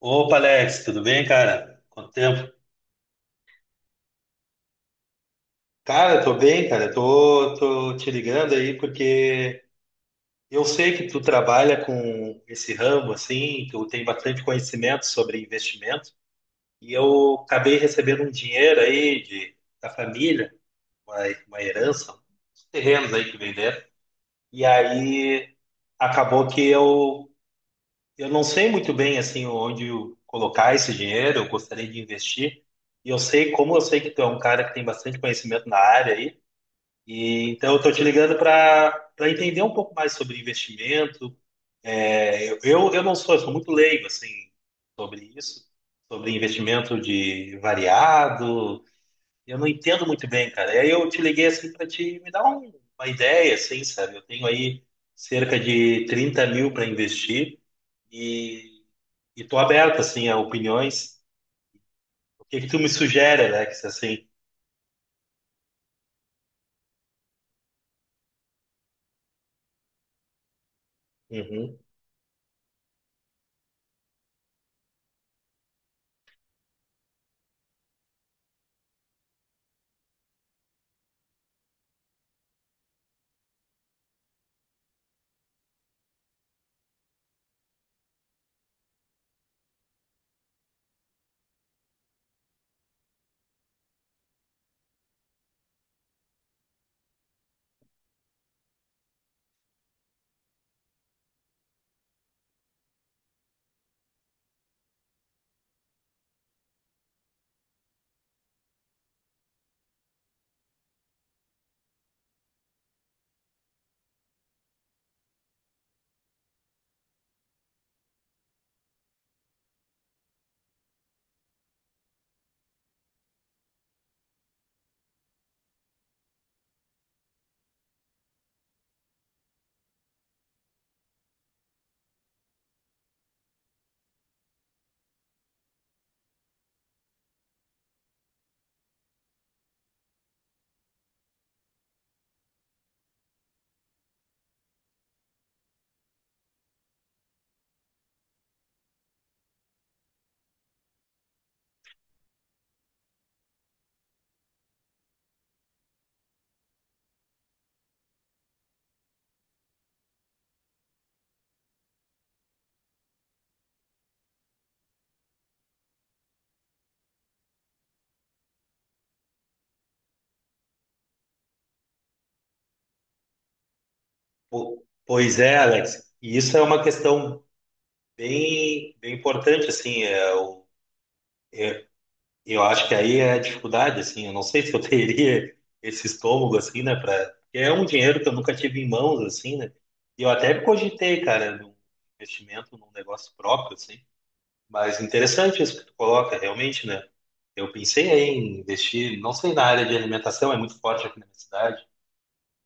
Opa, Alex, tudo bem, cara? Quanto tempo? Cara, tô bem, cara. Tô te ligando aí porque eu sei que tu trabalha com esse ramo, assim, tu tem bastante conhecimento sobre investimento e eu acabei recebendo um dinheiro aí da família, uma, uma herança, uns terrenos aí que venderam. E aí acabou que eu não sei muito bem assim onde eu colocar esse dinheiro, eu gostaria de investir. E eu sei, como eu sei que tu é um cara que tem bastante conhecimento na área aí, e então eu estou te ligando para entender um pouco mais sobre investimento. É, eu não sou, eu sou muito leigo assim sobre isso, sobre investimento de variado. Eu não entendo muito bem, cara. E aí eu te liguei assim para te me dar uma ideia, assim, sabe? Eu tenho aí cerca de 30 mil para investir. E, e tô aberto, assim, a opiniões. O que que tu me sugere, Alex, assim? Uhum. Pois é, Alex. E isso é uma questão bem, bem importante, assim. Eu acho que aí é a dificuldade, assim. Eu não sei se eu teria esse estômago, assim, né? Para é um dinheiro que eu nunca tive em mãos, assim, né? E eu até cogitei, cara, num investimento num negócio próprio, assim. Mas interessante isso que tu coloca, realmente, né? Eu pensei aí em investir, não sei, na área de alimentação, é muito forte aqui na minha cidade,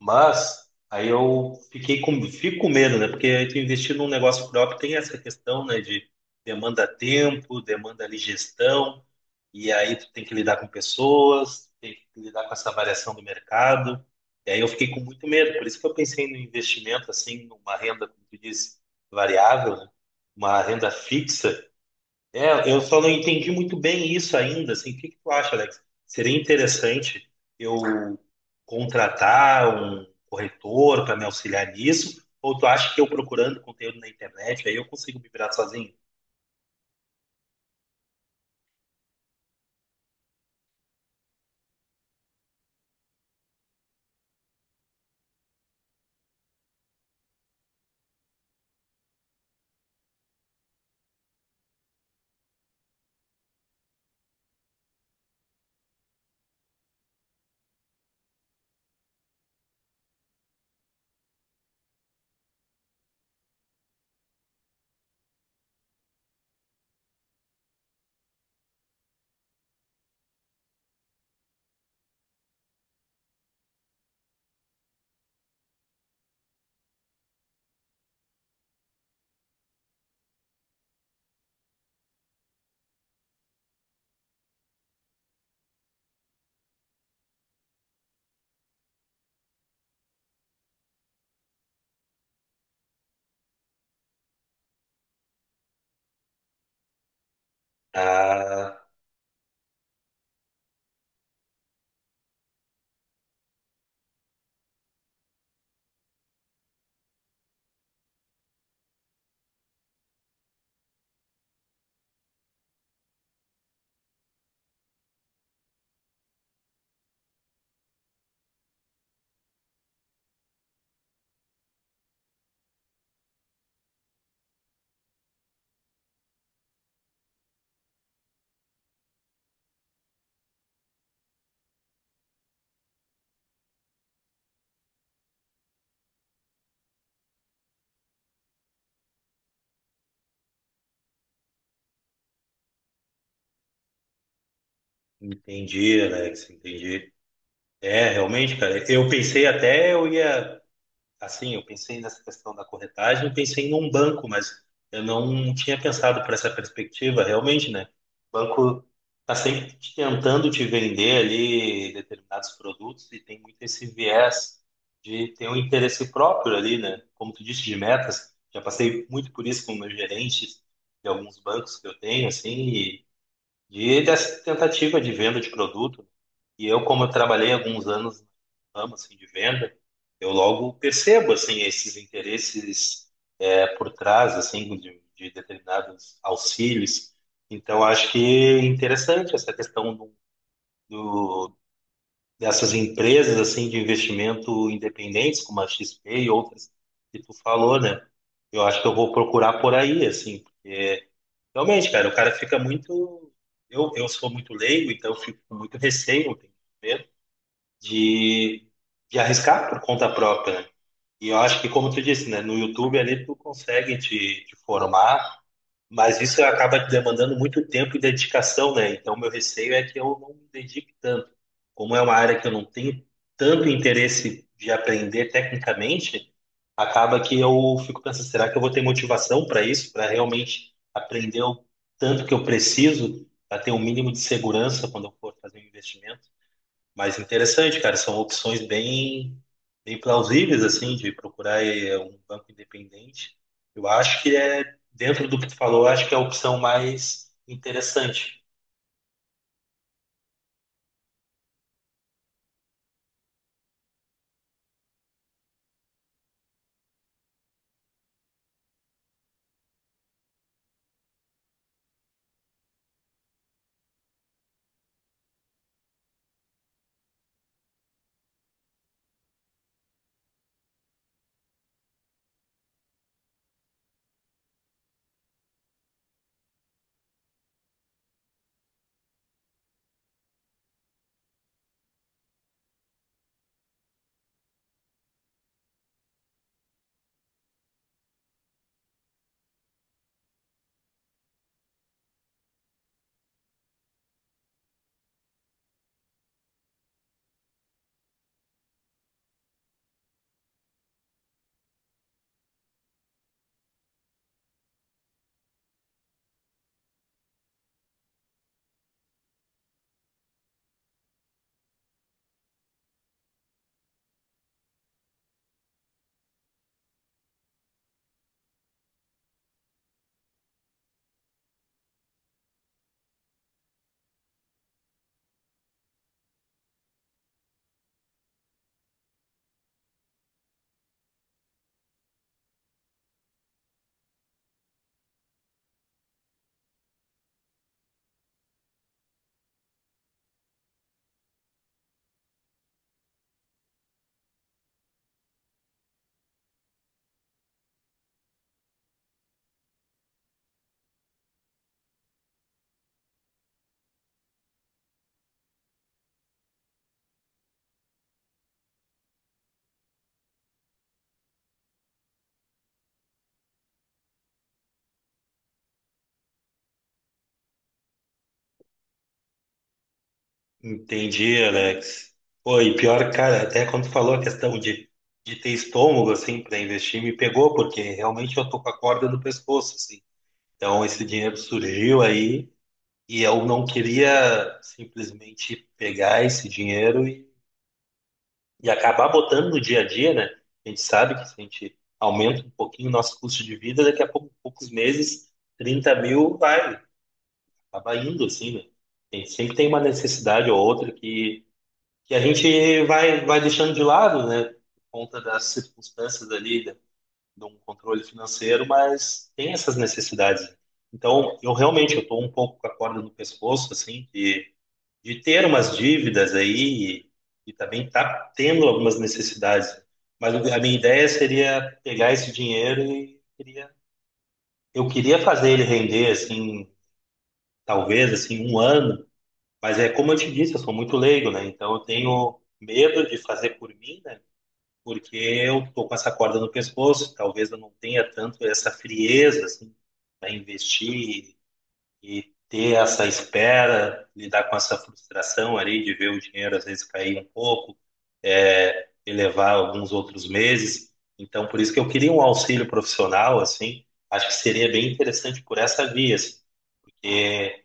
mas aí fico com medo, né? Porque aí tu investir num negócio próprio tem essa questão, né? De demanda tempo, demanda ali gestão, e aí tu tem que lidar com pessoas, tem que lidar com essa variação do mercado. E aí eu fiquei com muito medo, por isso que eu pensei no investimento, assim, numa renda, como tu disse, variável, né? Uma renda fixa eu só não entendi muito bem isso ainda, assim. O que que tu acha, Alex? Seria interessante eu contratar um corretor para me auxiliar nisso? Ou tu acha que eu procurando conteúdo na internet, aí eu consigo me virar sozinho? Ah, entendi, Alex, entendi. É, realmente, cara, eu pensei até eu ia assim, eu pensei nessa questão da corretagem, eu pensei num banco, mas eu não tinha pensado por essa perspectiva, realmente, né? O banco está sempre te tentando te vender ali determinados produtos e tem muito esse viés de ter um interesse próprio ali, né? Como tu disse, de metas. Já passei muito por isso com meus gerentes de alguns bancos que eu tenho, assim, e de dessa tentativa de venda de produto. E eu, como eu trabalhei alguns anos no ramo assim, de venda, eu logo percebo assim esses interesses por trás assim de determinados auxílios. Então, acho que é interessante essa questão do- dessas empresas assim de investimento independentes, como a XP e outras que tu falou, né? Eu acho que eu vou procurar por aí, assim. Realmente, cara, o cara fica muito. Eu sou muito leigo, então eu fico com muito receio, eu tenho medo de, de arriscar por conta própria, né? E eu acho que, como tu disse, né, no YouTube ali tu consegue te formar, mas isso acaba demandando muito tempo e dedicação, né? Então, meu receio é que eu não me dedique tanto. Como é uma área que eu não tenho tanto interesse de aprender tecnicamente, acaba que eu fico pensando, será que eu vou ter motivação para isso, para realmente aprender o tanto que eu preciso, para ter um mínimo de segurança quando eu for fazer um investimento? Mas interessante, cara, são opções bem, bem plausíveis, assim, de procurar um banco independente. Eu acho que é, dentro do que tu falou, eu acho que é a opção mais interessante. Entendi, Alex. Pô, e pior, cara, até quando tu falou a questão de ter estômago, assim, para investir, me pegou, porque realmente eu tô com a corda no pescoço, assim. Então, esse dinheiro surgiu aí e eu não queria simplesmente pegar esse dinheiro e acabar botando no dia a dia, né? A gente sabe que se a gente aumenta um pouquinho o nosso custo de vida, daqui a pouco, poucos meses, 30 mil vai, acaba indo, assim, né? A gente sempre tem uma necessidade ou outra que a gente vai deixando de lado, né? Por conta das circunstâncias ali, né, de um controle financeiro, mas tem essas necessidades. Então, eu realmente, eu estou um pouco com a corda no pescoço, assim, que de ter umas dívidas aí e também tá tendo algumas necessidades. Mas a minha ideia seria pegar esse dinheiro e eu queria fazer ele render assim, talvez assim um ano. Mas é como eu te disse, eu sou muito leigo, né? Então eu tenho medo de fazer por mim, né? Porque eu tô com essa corda no pescoço. Talvez eu não tenha tanto essa frieza assim para investir e ter essa espera, lidar com essa frustração ali de ver o dinheiro às vezes cair um pouco, elevar alguns outros meses. Então, por isso que eu queria um auxílio profissional, assim, acho que seria bem interessante por essa via, assim, porque,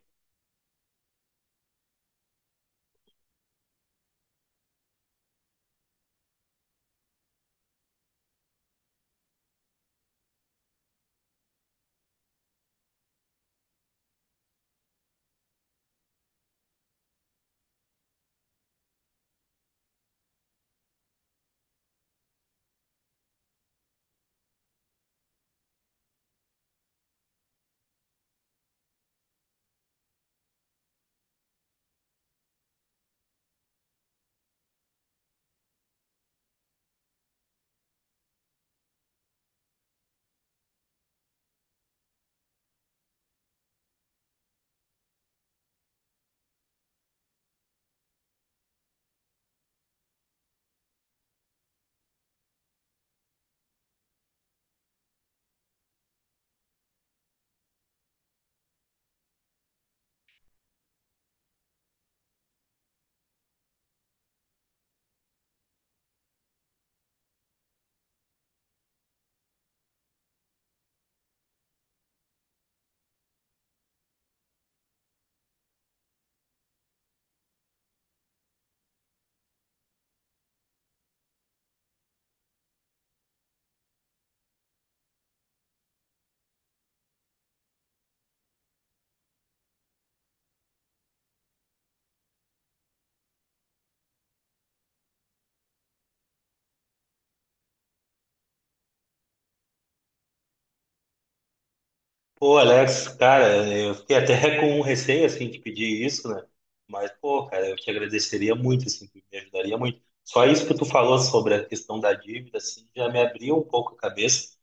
pô, Alex, cara, eu fiquei até com um receio, assim, de pedir isso, né? Mas, pô, cara, eu te agradeceria muito, assim, tu me ajudaria muito. Só isso que tu falou sobre a questão da dívida, assim, já me abriu um pouco a cabeça.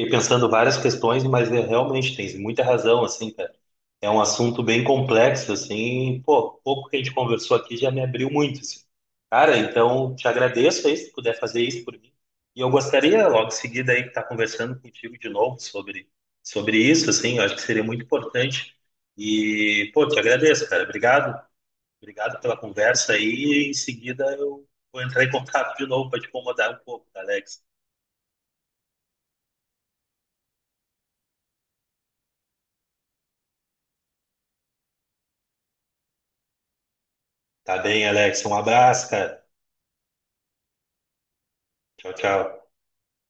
Fiquei pensando várias questões, mas é, realmente tem muita razão, assim, cara. É um assunto bem complexo, assim, pô, pouco que a gente conversou aqui já me abriu muito, assim. Cara, então te agradeço aí se puder fazer isso por mim. E eu gostaria logo em seguida aí estar conversando contigo de novo sobre sobre isso, assim, eu acho que seria muito importante. E, pô, te agradeço, cara. Obrigado. Obrigado pela conversa aí. E em seguida eu vou entrar em contato de novo para te incomodar um pouco, tá, Alex. Tá bem, Alex. Um abraço, cara. Tchau, tchau.